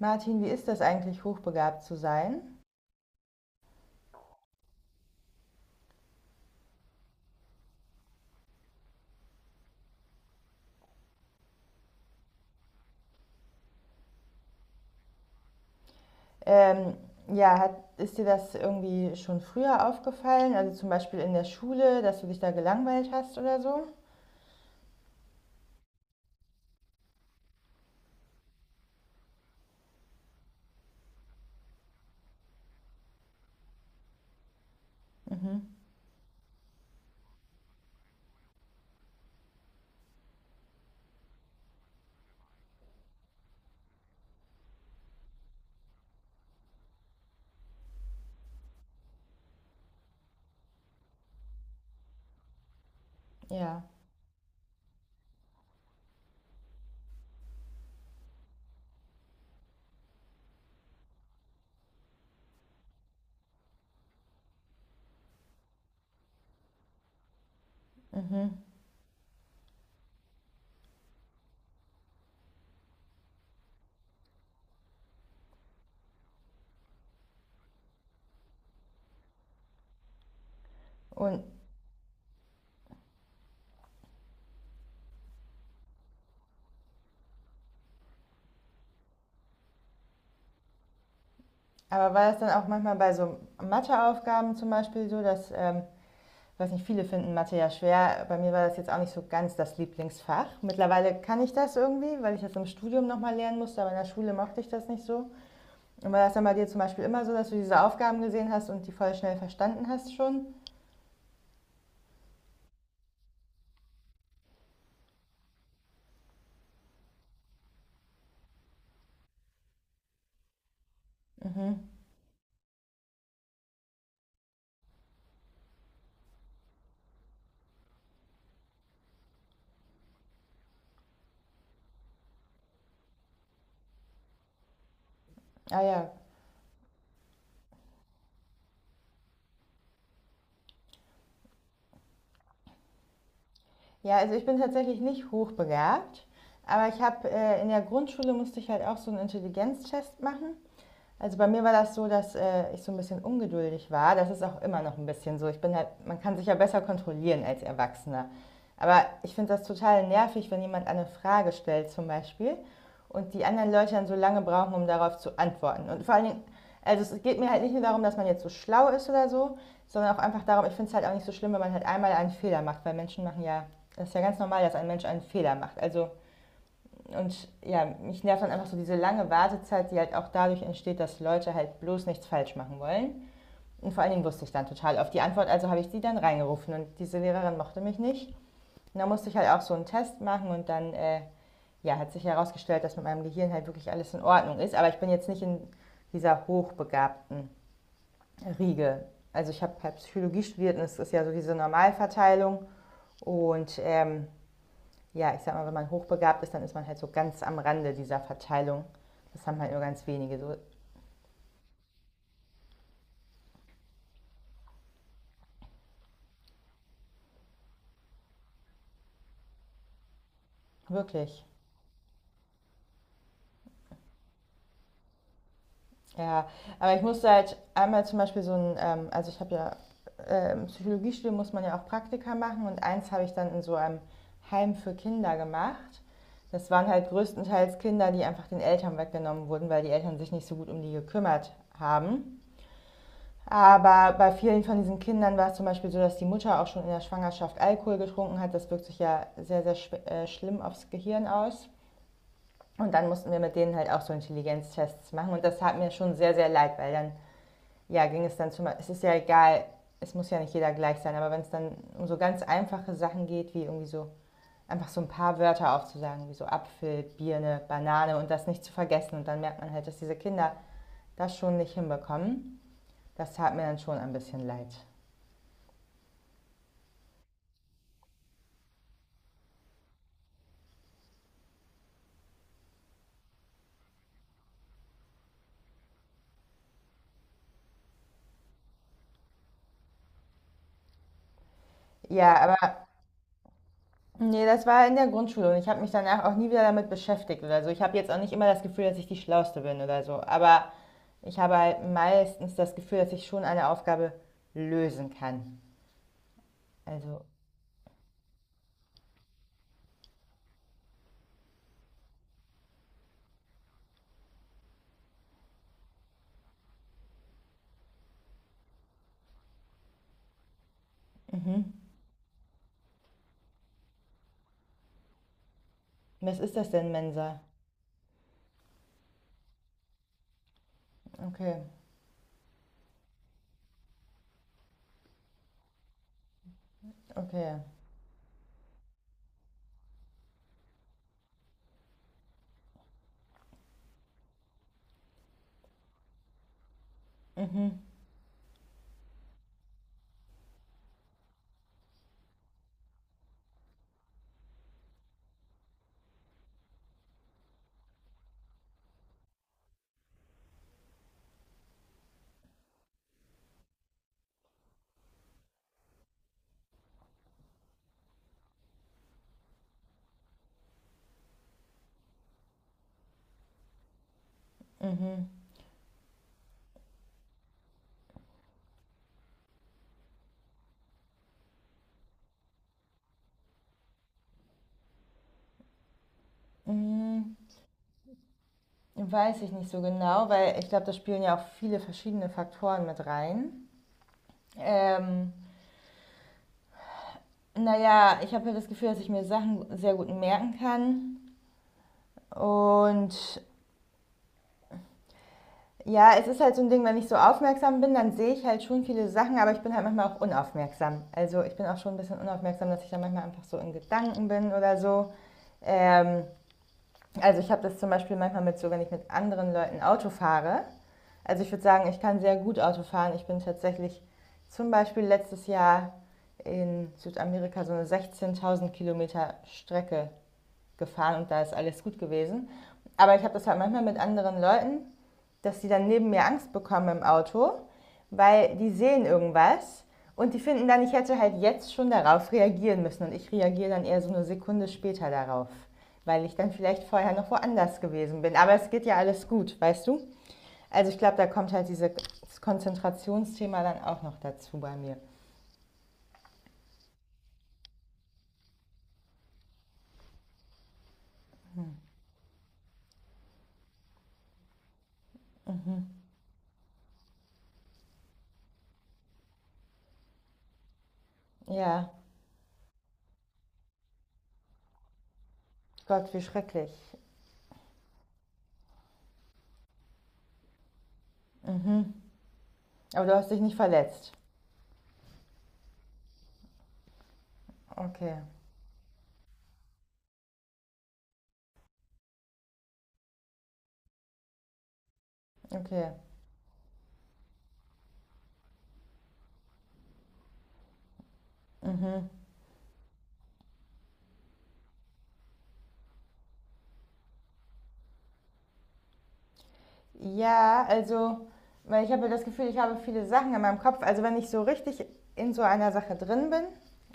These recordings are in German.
Martin, wie ist das eigentlich, hochbegabt zu sein? Ähm, ja, ist dir das irgendwie schon früher aufgefallen? Also zum Beispiel in der Schule, dass du dich da gelangweilt hast oder so? Mhm. Ja. Mhm. Und aber war das dann auch manchmal bei so Matheaufgaben zum Beispiel so, dass, ich weiß nicht, viele finden Mathe ja schwer. Bei mir war das jetzt auch nicht so ganz das Lieblingsfach. Mittlerweile kann ich das irgendwie, weil ich das im Studium nochmal lernen musste, aber in der Schule mochte ich das nicht so. Und war das dann bei dir zum Beispiel immer so, dass du diese Aufgaben gesehen hast und die voll schnell verstanden hast schon? Mhm. Ah ja. Ja, also ich bin tatsächlich nicht hochbegabt, aber ich habe in der Grundschule musste ich halt auch so einen Intelligenztest machen. Also bei mir war das so, dass ich so ein bisschen ungeduldig war. Das ist auch immer noch ein bisschen so. Ich bin halt, man kann sich ja besser kontrollieren als Erwachsener. Aber ich finde das total nervig, wenn jemand eine Frage stellt zum Beispiel und die anderen Leute dann so lange brauchen, um darauf zu antworten. Und vor allen Dingen, also es geht mir halt nicht nur darum, dass man jetzt so schlau ist oder so, sondern auch einfach darum, ich finde es halt auch nicht so schlimm, wenn man halt einmal einen Fehler macht, weil Menschen machen ja, das ist ja ganz normal, dass ein Mensch einen Fehler macht. Also und ja, mich nervt dann einfach so diese lange Wartezeit, die halt auch dadurch entsteht, dass Leute halt bloß nichts falsch machen wollen. Und vor allen Dingen wusste ich dann total auf die Antwort, also habe ich die dann reingerufen und diese Lehrerin mochte mich nicht. Und dann musste ich halt auch so einen Test machen und dann ja, hat sich herausgestellt, dass mit meinem Gehirn halt wirklich alles in Ordnung ist. Aber ich bin jetzt nicht in dieser hochbegabten Riege. Also ich habe halt Psychologie studiert und es ist ja so diese Normalverteilung. Und ja, ich sag mal, wenn man hochbegabt ist, dann ist man halt so ganz am Rande dieser Verteilung. Das haben halt nur ganz wenige, so wirklich. Ja, aber ich musste halt einmal zum Beispiel so ein, also ich habe ja im Psychologiestudium muss man ja auch Praktika machen und eins habe ich dann in so einem Heim für Kinder gemacht. Das waren halt größtenteils Kinder, die einfach den Eltern weggenommen wurden, weil die Eltern sich nicht so gut um die gekümmert haben. Aber bei vielen von diesen Kindern war es zum Beispiel so, dass die Mutter auch schon in der Schwangerschaft Alkohol getrunken hat. Das wirkt sich ja sehr, sehr schlimm aufs Gehirn aus. Und dann mussten wir mit denen halt auch so Intelligenztests machen. Und das tat mir schon sehr, sehr leid, weil dann, ja, ging es dann es ist ja egal, es muss ja nicht jeder gleich sein, aber wenn es dann um so ganz einfache Sachen geht, wie irgendwie so einfach so ein paar Wörter aufzusagen, wie so Apfel, Birne, Banane und das nicht zu vergessen. Und dann merkt man halt, dass diese Kinder das schon nicht hinbekommen. Das tat mir dann schon ein bisschen leid. Ja, aber nee, das war in der Grundschule und ich habe mich danach auch nie wieder damit beschäftigt oder so. Ich habe jetzt auch nicht immer das Gefühl, dass ich die Schlauste bin oder so, aber ich habe halt meistens das Gefühl, dass ich schon eine Aufgabe lösen kann. Also, mhm. Was ist das denn, Mensa? Okay, okay. Mhm, mhm. Mhm. Weiß ich nicht so genau, weil ich glaube, da spielen ja auch viele verschiedene Faktoren mit rein. Ähm, naja, ich habe ja das Gefühl, dass ich mir Sachen sehr gut merken kann. Und ja, es ist halt so ein Ding, wenn ich so aufmerksam bin, dann sehe ich halt schon viele Sachen, aber ich bin halt manchmal auch unaufmerksam. Also ich bin auch schon ein bisschen unaufmerksam, dass ich dann manchmal einfach so in Gedanken bin oder so. Ähm, also ich habe das zum Beispiel manchmal mit so, wenn ich mit anderen Leuten Auto fahre. Also ich würde sagen, ich kann sehr gut Auto fahren. Ich bin tatsächlich zum Beispiel letztes Jahr in Südamerika so eine 16.000 Kilometer Strecke gefahren und da ist alles gut gewesen. Aber ich habe das halt manchmal mit anderen Leuten, dass die dann neben mir Angst bekommen im Auto, weil die sehen irgendwas und die finden dann, ich hätte halt jetzt schon darauf reagieren müssen und ich reagiere dann eher so eine Sekunde später darauf, weil ich dann vielleicht vorher noch woanders gewesen bin. Aber es geht ja alles gut, weißt du? Also ich glaube, da kommt halt dieses Konzentrationsthema dann auch noch dazu bei mir. Ja, Gott, wie schrecklich. Mhm. Aber du hast dich nicht verletzt. Okay. Okay. Mhm. Ja, also, weil ich habe das Gefühl, ich habe viele Sachen in meinem Kopf. Also wenn ich so richtig in so einer Sache drin bin,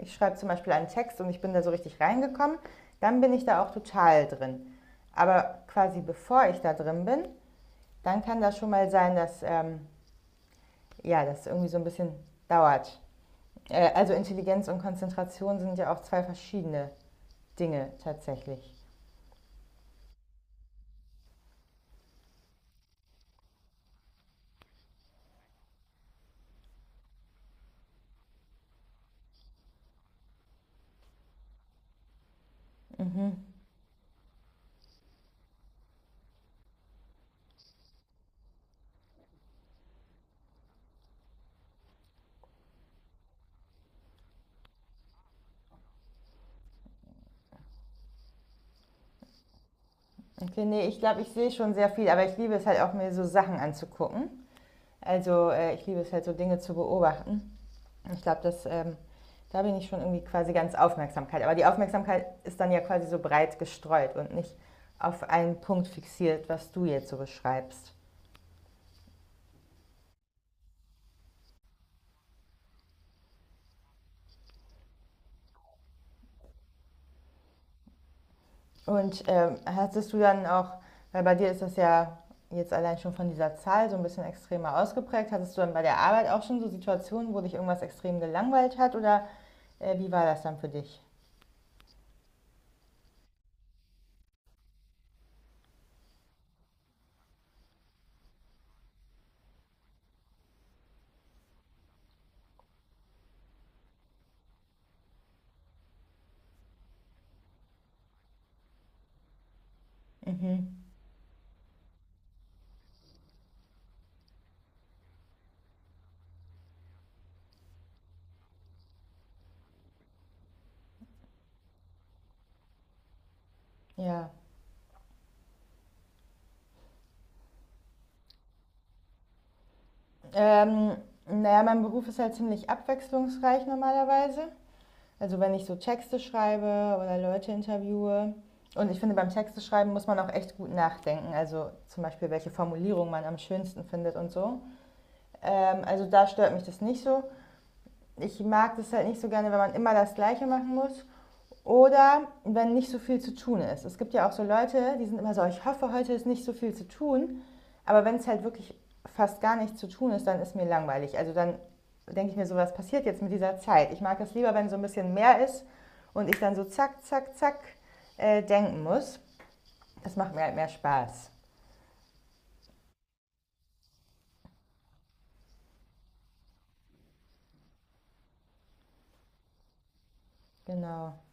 ich schreibe zum Beispiel einen Text und ich bin da so richtig reingekommen, dann bin ich da auch total drin. Aber quasi bevor ich da drin bin, dann kann das schon mal sein, dass ja, das irgendwie so ein bisschen dauert. Also Intelligenz und Konzentration sind ja auch zwei verschiedene Dinge tatsächlich. Okay, nee, ich glaube, ich sehe schon sehr viel, aber ich liebe es halt auch, mir so Sachen anzugucken. Also ich liebe es halt, so Dinge zu beobachten. Ich glaube, das, da bin ich schon irgendwie quasi ganz Aufmerksamkeit. Aber die Aufmerksamkeit ist dann ja quasi so breit gestreut und nicht auf einen Punkt fixiert, was du jetzt so beschreibst. Und hattest du dann auch, weil bei dir ist das ja jetzt allein schon von dieser Zahl so ein bisschen extremer ausgeprägt, hattest du dann bei der Arbeit auch schon so Situationen, wo dich irgendwas extrem gelangweilt hat oder wie war das dann für dich? Mhm. Ja. Ähm, naja, mein Beruf ist halt ziemlich abwechslungsreich normalerweise. Also wenn ich so Texte schreibe oder Leute interviewe. Und ich finde, beim Texteschreiben muss man auch echt gut nachdenken. Also zum Beispiel, welche Formulierung man am schönsten findet und so. Also da stört mich das nicht so. Ich mag das halt nicht so gerne, wenn man immer das Gleiche machen muss. Oder wenn nicht so viel zu tun ist. Es gibt ja auch so Leute, die sind immer so, ich hoffe, heute ist nicht so viel zu tun. Aber wenn es halt wirklich fast gar nichts zu tun ist, dann ist mir langweilig. Also dann denke ich mir so, was passiert jetzt mit dieser Zeit? Ich mag es lieber, wenn so ein bisschen mehr ist und ich dann so zack, zack, zack denken muss. Das macht mir halt mehr Spaß. Genau.